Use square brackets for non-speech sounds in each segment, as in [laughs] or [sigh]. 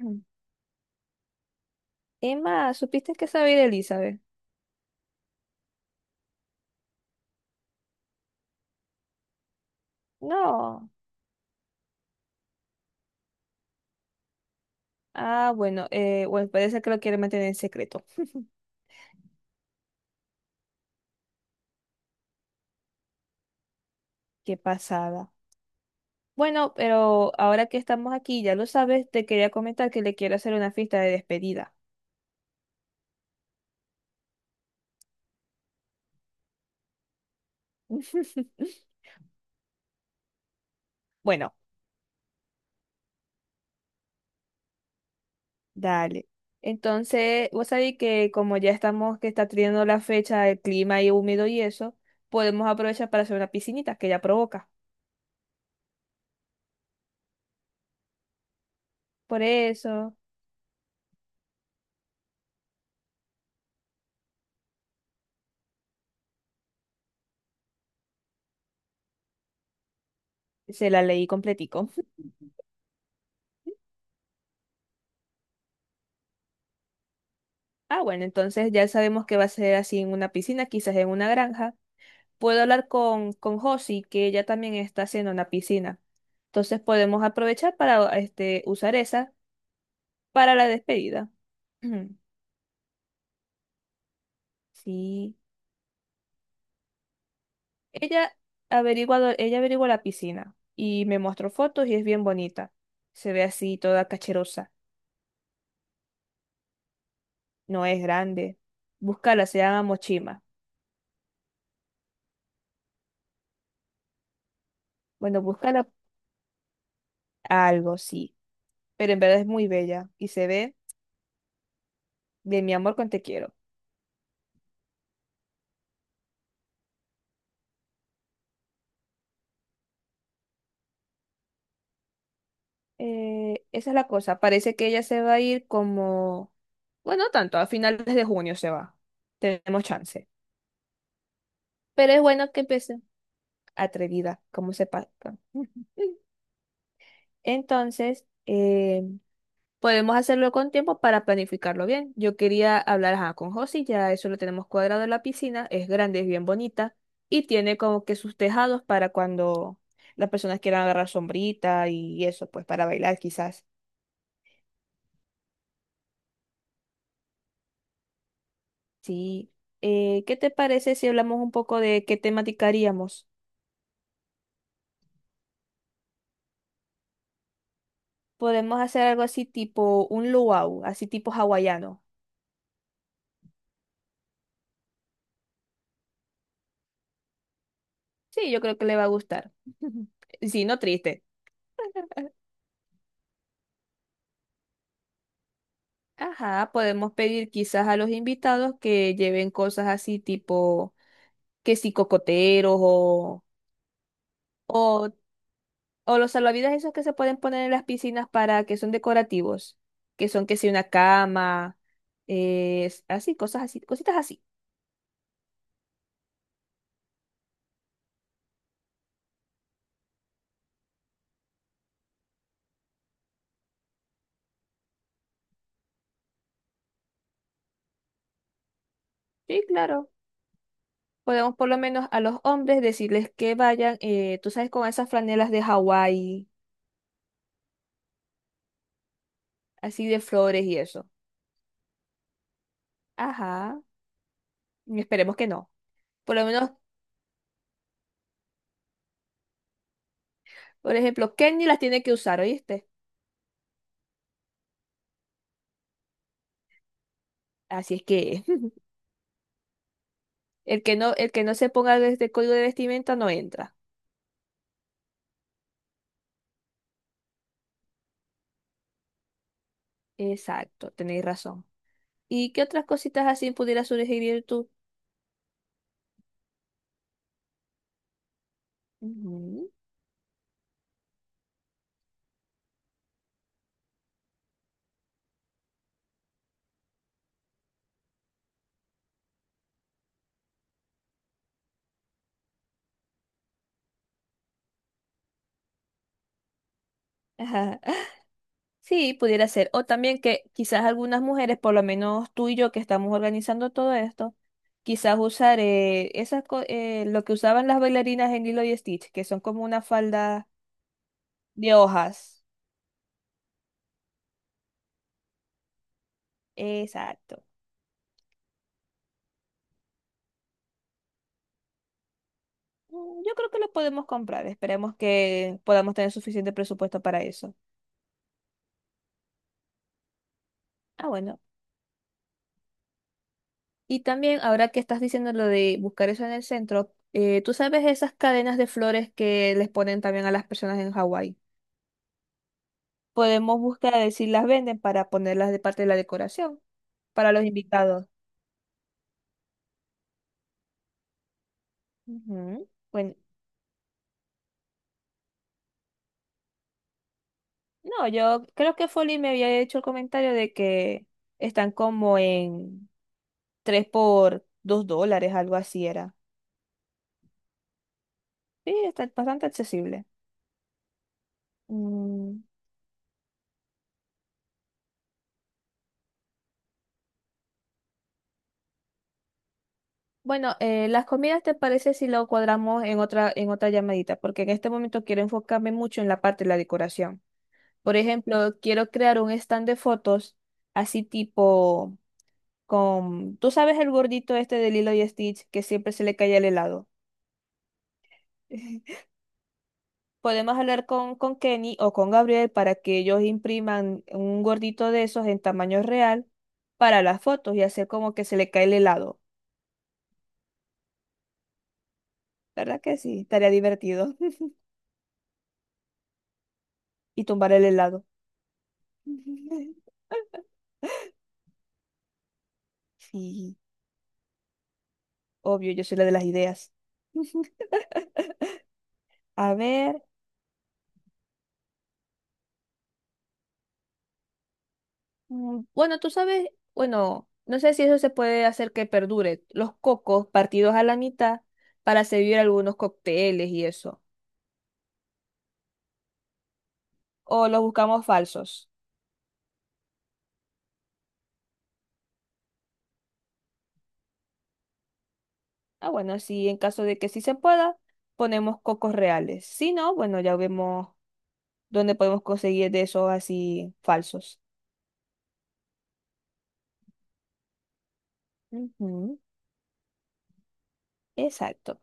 Mm. Emma, ¿supiste que sabe de Elizabeth? No. Bueno, parece que lo quiere mantener en secreto. Qué pasada. Bueno, pero ahora que estamos aquí, ya lo sabes, te quería comentar que le quiero hacer una fiesta de despedida. [laughs] Bueno, dale. Entonces, vos sabés que como ya estamos, que está teniendo la fecha, el clima y húmedo y eso, podemos aprovechar para hacer una piscinita que ya provoca. Por eso, se la leí completico. Ah, bueno, entonces ya sabemos que va a ser así en una piscina, quizás en una granja. Puedo hablar con Josie, que ella también está haciendo una piscina. Entonces podemos aprovechar para este, usar esa para la despedida. [clears throat] Ujú. Sí. Ella ella averiguó la piscina y me mostró fotos y es bien bonita. Se ve así toda cacherosa. No es grande. Búscala, se llama Mochima. Bueno, búscala algo, sí. Pero en verdad es muy bella y se ve de mi amor con te quiero. Esa es la cosa. Parece que ella se va a ir como, bueno, no tanto, a finales de junio se va. Tenemos chance. Pero es bueno que empiece atrevida, como se pasa. [laughs] Entonces, podemos hacerlo con tiempo para planificarlo bien. Yo quería hablar ajá, con Josie, ya eso lo tenemos cuadrado en la piscina, es grande, es bien bonita y tiene como que sus tejados para cuando las personas quieran agarrar sombrita y eso, pues para bailar quizás. Sí. ¿Qué te parece si hablamos un poco de qué temática haríamos? Podemos hacer algo así tipo un luau, así tipo hawaiano. Sí, yo creo que le va a gustar. [laughs] Sí, no triste. Ajá, podemos pedir quizás a los invitados que lleven cosas así tipo que si cocoteros o, o los salvavidas esos que se pueden poner en las piscinas para que son decorativos, que son que si una cama, así, cosas así, cositas así. Sí, claro. Podemos por lo menos a los hombres decirles que vayan, tú sabes, con esas franelas de Hawái, así de flores y eso. Ajá, y esperemos que no. Por lo menos, por ejemplo, Kenny las tiene que usar, ¿oíste? Así es que [laughs] el que no se ponga este código de vestimenta no entra. Exacto, tenéis razón. ¿Y qué otras cositas así pudieras sugerir tú? Ujú, ajá. Sí, pudiera ser. O también que quizás algunas mujeres, por lo menos tú y yo que estamos organizando todo esto, quizás usar lo que usaban las bailarinas en Lilo y Stitch, que son como una falda de hojas. Exacto. Mm, yo creo que lo podemos comprar. Esperemos que podamos tener suficiente presupuesto para eso. Ah, bueno. Y también, ahora que estás diciendo lo de buscar eso en el centro, ¿tú sabes esas cadenas de flores que les ponen también a las personas en Hawái? Podemos buscar a ver si las venden para ponerlas de parte de la decoración, para los invitados. Ujú. Bueno, no, yo creo que Folly me había hecho el comentario de que están como en 3 por $2, algo así era. Sí, está bastante accesible. Mm, bueno, las comidas te parece si lo cuadramos en otra llamadita, porque en este momento quiero enfocarme mucho en la parte de la decoración. Por ejemplo, quiero crear un stand de fotos así tipo con, tú sabes el gordito este de Lilo y Stitch que siempre se le cae el helado. [laughs] Podemos hablar con Kenny o con Gabriel para que ellos impriman un gordito de esos en tamaño real para las fotos y hacer como que se le cae el helado. ¿Verdad que sí? Estaría divertido. [laughs] Y tumbar el helado. [laughs] Sí, obvio, yo soy la de las ideas. [laughs] A ver. Mm, bueno, tú sabes, bueno, no sé si eso se puede hacer que perdure. Los cocos partidos a la mitad para servir algunos cócteles y eso. O los buscamos falsos. Ah, bueno, sí, en caso de que sí se pueda, ponemos cocos reales. Si no, bueno, ya vemos dónde podemos conseguir de esos así falsos. Ujú, exacto.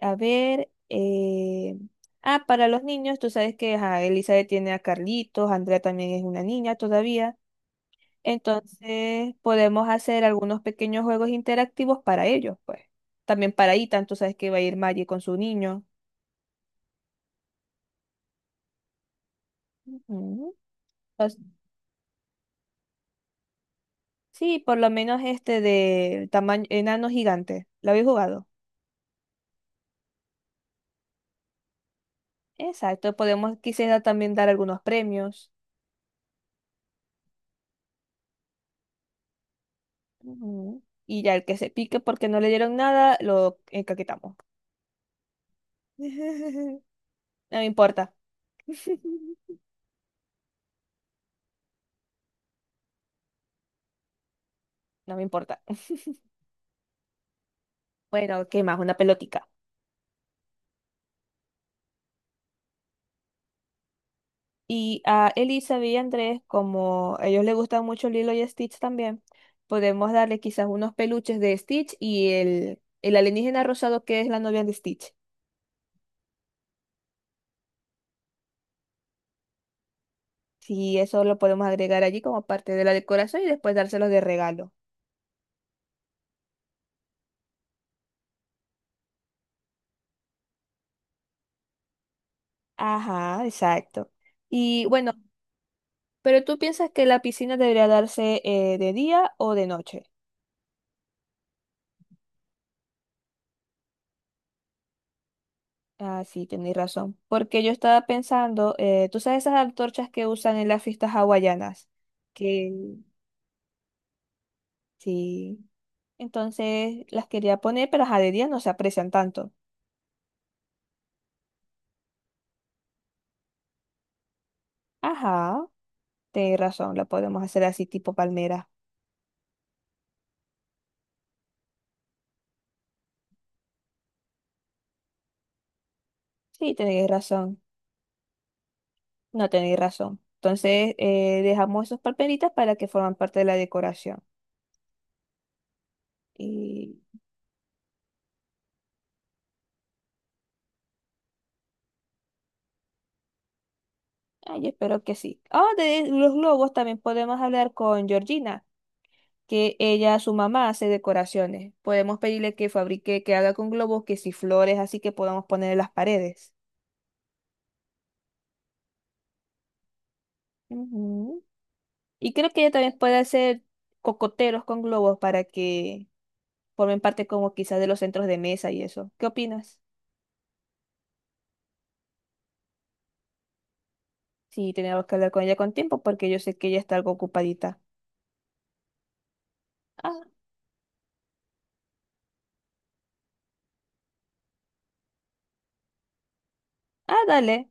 A ver, para los niños, tú sabes que ajá, Elizabeth tiene a Carlitos, Andrea también es una niña todavía. Entonces podemos hacer algunos pequeños juegos interactivos para ellos, pues. También para Ethan, tú sabes que va a ir Maggie con su niño. Ujú. Pues, sí, por lo menos este de tamaño enano gigante. ¿Lo habéis jugado? Exacto, podemos quisiera también dar algunos premios. Ujú. Y ya el que se pique porque no le dieron nada, lo encaquetamos. [laughs] No me importa. [laughs] No me importa. [laughs] Bueno, ¿qué más? Una pelotica. Y a Elisa y a Andrés, como a ellos les gusta mucho Lilo y Stitch también, podemos darle quizás unos peluches de Stitch y el alienígena rosado que es la novia de Stitch. Sí, eso lo podemos agregar allí como parte de la decoración y después dárselos de regalo. Ajá, exacto. Y bueno, pero tú piensas que la piscina debería darse de día o de noche. Ah, sí, tenéis razón. Porque yo estaba pensando, tú sabes esas antorchas que usan en las fiestas hawaianas, que sí. Entonces las quería poner, pero ajá, de día no se aprecian tanto. Ajá, tenéis razón, la podemos hacer así tipo palmera. Sí, tenéis razón, no tenéis razón. Entonces dejamos esos palmeritas para que forman parte de la decoración. Y ay, espero que sí. Ah, de los globos también podemos hablar con Georgina, que ella, su mamá, hace decoraciones. Podemos pedirle que fabrique, que haga con globos, que si flores, así que podamos poner en las paredes. Ujú. Y creo que ella también puede hacer cocoteros con globos para que formen parte como quizás de los centros de mesa y eso. ¿Qué opinas? Sí, tenemos que hablar con ella con tiempo porque yo sé que ella está algo ocupadita. Ah, Dale.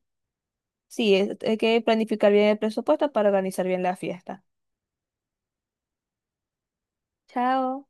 Sí, es- hay que planificar bien el presupuesto para organizar bien la fiesta. Chao.